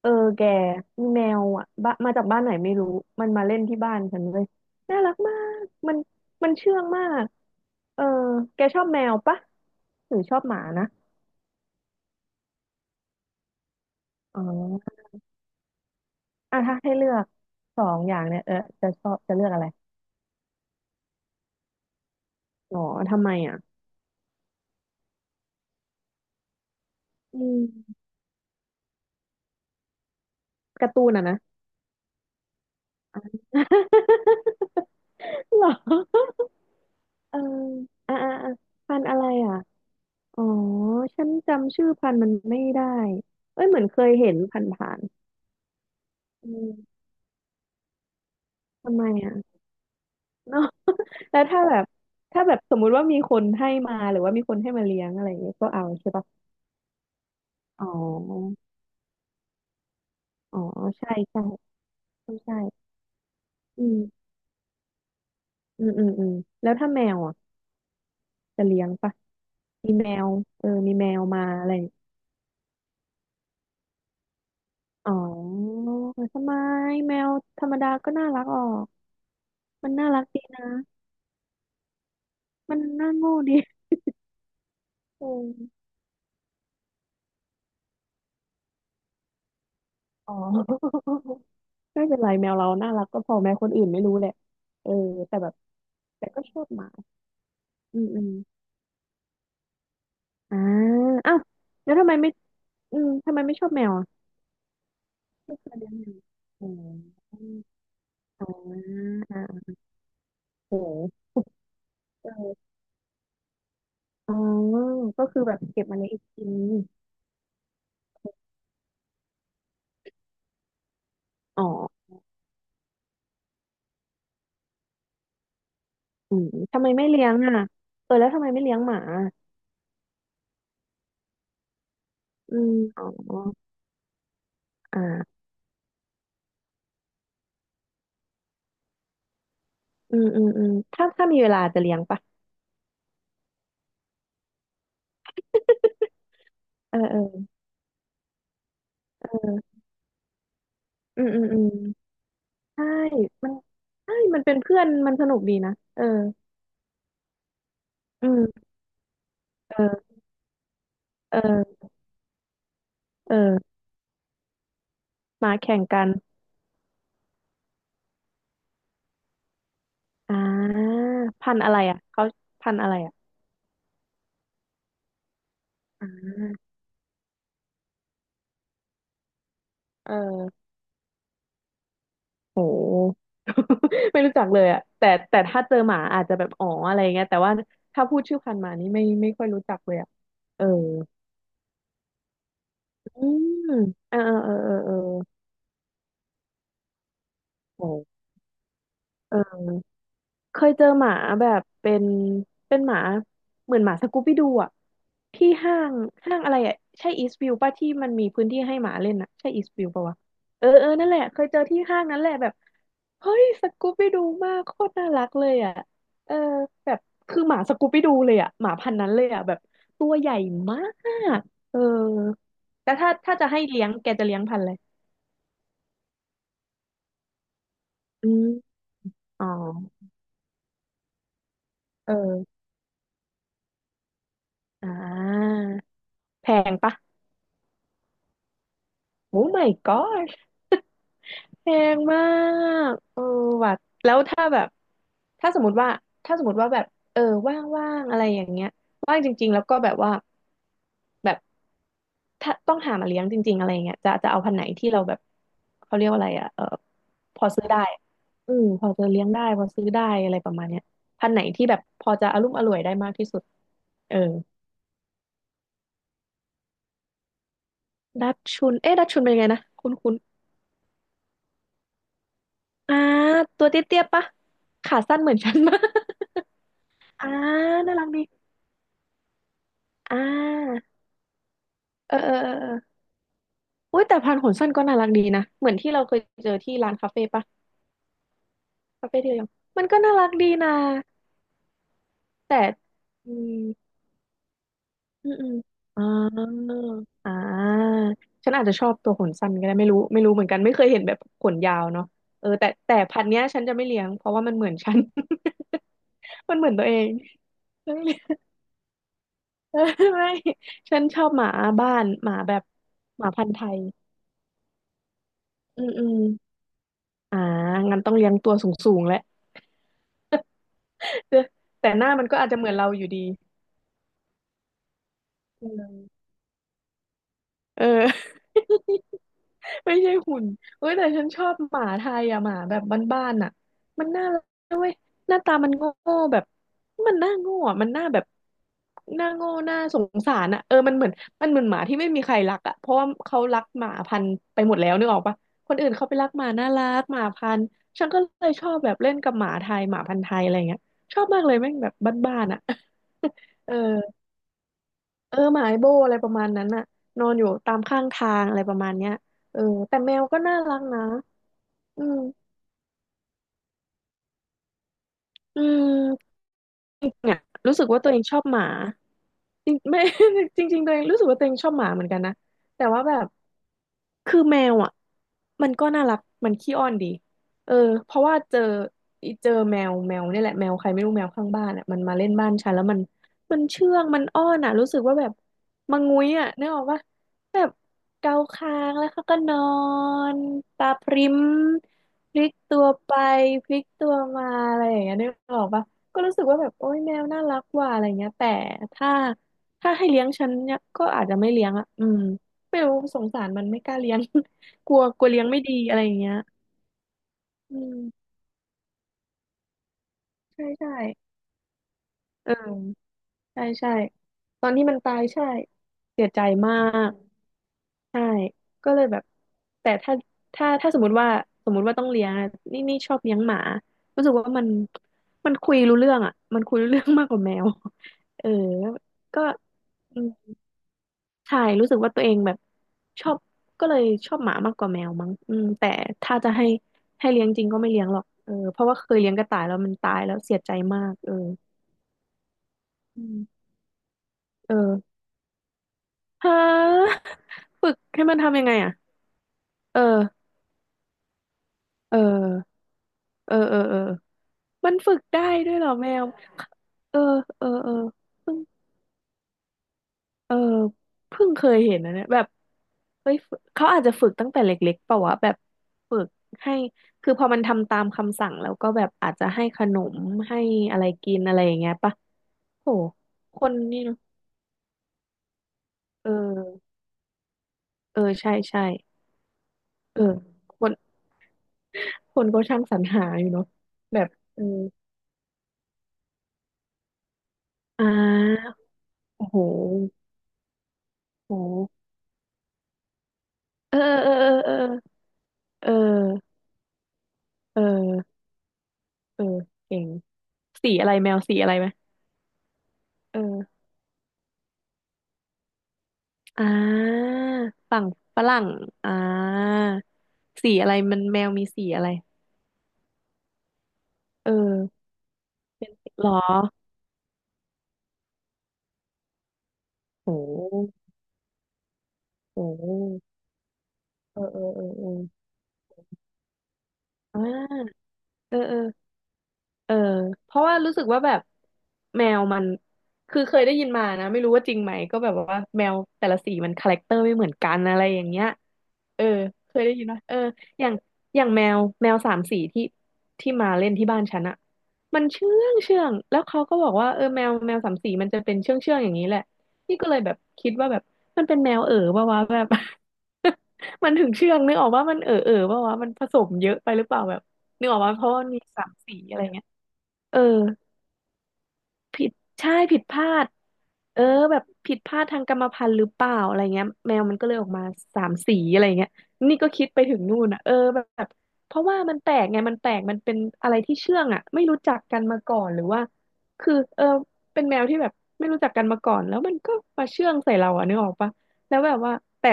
เออแกมีแมวอ่ะบ้ามาจากบ้านไหนไม่รู้มันมาเล่นที่บ้านฉันเลยน่ารักมากมันเชื่องมากเออแกชอบแมวปะหรือชอบหมานะอ๋ออ่ะถ้าให้เลือกสองอย่างเนี่ยเออจะชอบจะเลือกอะไรหรอทำไมอ่ะอืมการ์ตูนอ่ะนะ หรอเอออ่าอ่าอ่าพันธุ์อะไรอ่ะอ๋อฉันจำชื่อพันธุ์มันไม่ได้เอ้ยเหมือนเคยเห็นผ่านๆอืมทำไมอ่ะ เนาะ แล้วถ้าแบบถ้าแบบสมมุติว่ามีคนให้มาหรือว่ามีคนให้มาเลี้ยงอะไรอย่างเงี้ยก็เอาใช่ปะอ๋ออ๋อใช่ใช่ใช่ใช่อืมอืมอืมอืมแล้วถ้าแมวอ่ะจะเลี้ยงปะมีแมวเออมีแมวมาอะไรอย่างอ๋อทำไมแมวธรรมดาก็น่ารักออกมันน่ารักดีนะมันน่าโง่ดีอืมอ๋อ ไม่เป็นไรแมวเราน่ารักก็พอแมวคนอื่นไม่รู้แหละเออแต่แบบแต่ก็ชอบหมาอืมอืม อ่าอ้าวแล้วทำไมไม่อืมทำไมไม่ชอบแมวอ่ะไม่เคยเลี้ยงแมวอ๋ออ๋ออ่าโอเคอออ๋อก็คือแบบเก็บมาเลี้ยงอีกอืมอ๋ออืมทำไมไม่เลี้ยงอ่ะเออแล้วทำไมไม่เลี้ยงหมาอืมอ๋ออ่าอืมอืมอืมถ้ามีเวลาจะเลี้ยงปะเออเออเอออืมอืมอืมใช่มันใช่ มันเป็นเพื่อน มันสนุกดีนะ เอออืมเออเออเออหมาแข่งกัน อ่าพันธุ์อะไรอ่ะเขาพันธุ์อะไรอ่ะอ่าเออโห ไม่รู้จักเลยอ่ะแต่ถ้าเจอหมาอาจจะแบบอ๋ออะไรเงี้ยแต่ว่าถ้าพูดชื่อพันธุ์หมานี่ไม่ค่อยรู้จักเลยอ่ะเอออืมเออเออเออเออเออโหเออ เคยเจอหมาแบบเป็นเป็นหมาเหมือนหมาสกูบี้ดูอ่ะที่ห้างห้างอะไรอ่ะใช่อีสต์วิวป่ะที่มันมีพื้นที่ให้หมาเล่นอ่ะใช่อีสต์วิวป่ะวะเออเออนั่นแหละเคยเจอที่ห้างนั้นแหละแบบเฮ้ยสกูบี้ดูมากโคตรน่ารักเลยอ่ะเออแบบคือหมาสกูบี้ดูเลยอ่ะหมาพันธุ์นั้นเลยอ่ะแบบตัวใหญ่มากเออแต่ถ้าจะให้เลี้ยงแกจะเลี้ยงพันธุ์อะไรอืมอ๋อเอออ่าแพงปะโอ้ my god แพงมากเออว่ะแล้วถ้าแบบถ้าสมมติว่าถ้าสมมติว่าแบบเออว่างๆอะไรอย่างเงี้ยว่างจริงๆแล้วก็แบบว่าแบบถ้าต้องหามาเลี้ยงจริงๆอะไรเงี้ยจะเอาพันธุ์ไหนที่เราแบบเขาเรียกว่าอะไรอ่ะเออพอซื้อได้อืมพอจะเลี้ยงได้พอซื้อได้อะไรประมาณเนี้ยพันธุ์ไหนที่แบบพอจะอรุ่มอร่วยได้มากที่สุดเออดัชชุนเอ๊ะดัชชุนเป็นยังไงนะคุณอ่าตัวเตี้ยๆปะขาสั้นเหมือนฉันมาก อ่าน่ารักดี อ่าเออเออเออเอออุ้ยแต่พันขนสั้นก็น่ารักดีนะเหมือนที่เราเคยเจอที่ร้านคาเฟ่ปะคาเฟ่ที่เรายังมันก็น่ารักดีนะแต่อืมอืมอืมอ่าอ่าฉันอาจจะชอบตัวขนสั้นก็ได้ไม่รู้เหมือนกันไม่เคยเห็นแบบขนยาวเนาะเออแต่พันธุ์เนี้ยฉันจะไม่เลี้ยงเพราะว่ามันเหมือนฉัน มันเหมือนตัวเองฉันไม่เลี้ยง เออไม่ฉันชอบหมาบ้านหมาแบบหมาพันธุ์ไทยอืมอืมอ่างั้นต้องเลี้ยงตัวสูงๆแหละ แต่หน้ามันก็อาจจะเหมือนเราอยู่ดีเออเออ ไม่ใช่หุ่นเว้ยแต่ฉันชอบหมาไทยอะหมาแบบบ้านๆอะมันน่ารักเว้ยหน้าตามันโง่แบบมันหน้าโง่อะมันหน้าแบบหน้าโง่หน้าสงสารอะเออมันเหมือนมันเหมือนหมาที่ไม่มีใครรักอะเพราะว่าเขารักหมาพันธุ์ไปหมดแล้วนึกออกปะคนอื่นเขาไปรักหมาน่ารักหมาพันธุ์ฉันก็เลยชอบแบบเล่นกับหมาไทยหมาพันธุ์ไทยอะไรเงี้ยชอบมากเลยแม่งแบบบ้านๆอะ เออ เออหมาไอโบอะไรประมาณนั้นน่ะนอนอยู่ตามข้างทางอะไรประมาณเนี้ยเออแต่แมวก็น่ารักนะอืมอืมเนี่ยรู้สึกว่าตัวเองชอบหมาจริงไม่ จริงๆตัวเองรู้สึกว่าตัวเองชอบหมาเหมือนกันนะแต่ว่าแบบ คือแมวอ่ะมันก็น่ารักมันขี้อ้อนดีเออเพราะว่าเจอแมวเนี่ยแหละแมวใครไม่รู้แมวข้างบ้านอ่ะมันมาเล่นบ้านฉันแล้วมันเชื่องมันอ้อนอ่ะรู้สึกว่าแบบมังงุ้ยอ่ะนึกออกปะแบบเกาคางแล้วเขาก็นอนตาพริ้มพลิกตัวไปพลิกตัวมาอะไรอย่างเงี้ยนึกออกปะก็รู้สึกว่าแบบโอ๊ยแมวน่ารักว่ะอะไรเงี้ยแต่ถ้าถ้าให้เลี้ยงฉันเนี่ยก็อาจจะไม่เลี้ยงอ่ะอืม ไม่รู้สงสารมันไม่กล้าเลี้ยง กลัวกลัวเลี้ยงไม่ดีอะไรอย่างเงี้ยอืมใช่ใช่เออใช่ใช่ตอนที่มันตายใช่เสียใจมากใช่ก็เลยแบบแต่ถ้าสมมติว่าต้องเลี้ยงอะนี่นี่ชอบเลี้ยงหมารู้สึกว่ามันคุยรู้เรื่องอ่ะมันคุยรู้เรื่องมากกว่าแมวเออก็ ใช่รู้สึกว่าตัวเองแบบชอบก็เลยชอบหมามากกว่าแมวมั้งอืมแต่ถ้าจะให้เลี้ยงจริงก็ไม่เลี้ยงหรอกเออเพราะว่าเคยเลี้ยงกระต่ายแล้วมันตายแล้วเสียใจมากเอออืมเออฮะ ฝึกให้มันทำยังไงอ่ะเออเออเออเออเออมันฝึกได้ด้วยเหรอแมวเออเออเออเพิ่ง เออเพิ่งเคยเห็นนะเนี่ยแบบเฮ้ยฝึกเขาอาจจะฝึกตั้งแต่เล็กๆเปล่าวะแบบฝึกให้คือพอมันทำตามคำสั่งแล้วก็แบบอาจจะให้ขนมให้อะไรกินอะไรอย่างเงี้ยปะโหคนนี่เนอะเออเออใช่ใช่เออคนคนก็ช่างสรรหาอยู่เนาะแบบเอออ่าโอ้โหโอ้โหเออเออเออเออเออเออเออเออเก่งสีอะไรแมวสีอะไรไหมเออ อ่าฝั่งฝรั่งอ่าสีอะไรมันแมวมีสีอะไรเออหรอโหโหเออเออเออเอออ่าเออเออ เออเพราะว่ารู้สึกว่าแบบแมวมันคือเคยได้ยินมานะไม่รู้ว่าจริงไหมก็แบบว่าแมวแต่ละสีมันคาแรคเตอร์ไม่เหมือนกันอะไรอย่างเงี้ยเออเคยได้ยินไหมเอออย่างอย่างแมวสามสีที่มาเล่นที่บ้านฉันอะมันเชื่องเชื่องแล้วเขาก็บอกว่าเออแมวสามสีมันจะเป็นเชื่องเชื่องอย่างนี้แหละนี่ก็เลยแบบคิดว่าแบบมันเป็นแมวเอ๋อปะวะแบบ มันถึงเชื่องนึกออกว่ามันเอ๋อเอ๋อปะวะมันผสมเยอะไปหรือเปล่าแบบนึกออกว่าเพราะว่ามันมีสามสีอะไร เออ ผิดใช่ผิดพลาดเออแบบผิดพลาดทางกรรมพันธุ์หรือเปล่าอะไรเงี้ยแมวมันก็เลยออกมาสามสีอะไรเงี้ยนี่ก็คิดไปถึงนู่นอ่ะเออแบบเพราะว่ามันแปลกไงมันแปลกมันเป็นอะไรที่เชื่องอ่ะไม่รู้จักกันมาก่อนหรือว่าคือเออเป็นแมวที่แบบไม่รู้จักกันมาก่อนแล้วมันก็มาเชื่องใส่เราอ่ะนึกออกปะแล้วแบบว่าแต่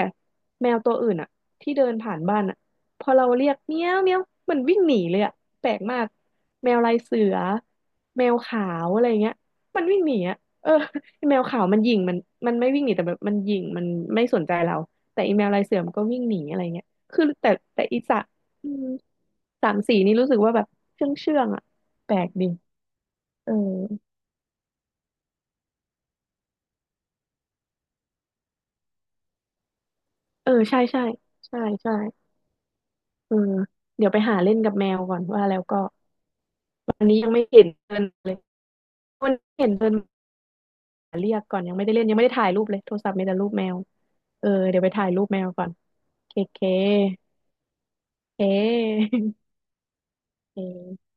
แมวตัวอื่นอ่ะที่เดินผ่านบ้านอ่ะพอเราเรียกเมี้ยวเมี้ยวมันวิ่งหนีเลยอ่ะแปลกมากแมวลายเสือแมวขาวอะไรเงี้ย มันวิ่งหนีอะเออไอแมวขาวมันหยิ่งมันไม่วิ่งหนีแต่แบบมันหยิ่งมันไม่สนใจเราแต่อีแมวลายเสือมันก็วิ่งหนีอะไรเงี้ยคือแต่อีสระอืมสามสีนี่รู้สึกว่าแบบเชื่องเชื่องอะแปลกดีเออเออใช่ใช่ใช่ใช่เออเดี๋ยวไปหาเล่นกับแมวก่อนว่าแล้วก็วันนี้ยังไม่เห็นเดินเลยวันนี้เห็นเดินมาเรียกก่อนยังไม่ได้เล่นยังไม่ได้ถ่ายรูปเลยโทรศัพท์มีแต่รูปแมว เออเดี๋ยวไปถ่ายรูปแมวก่อนเคเคเคเค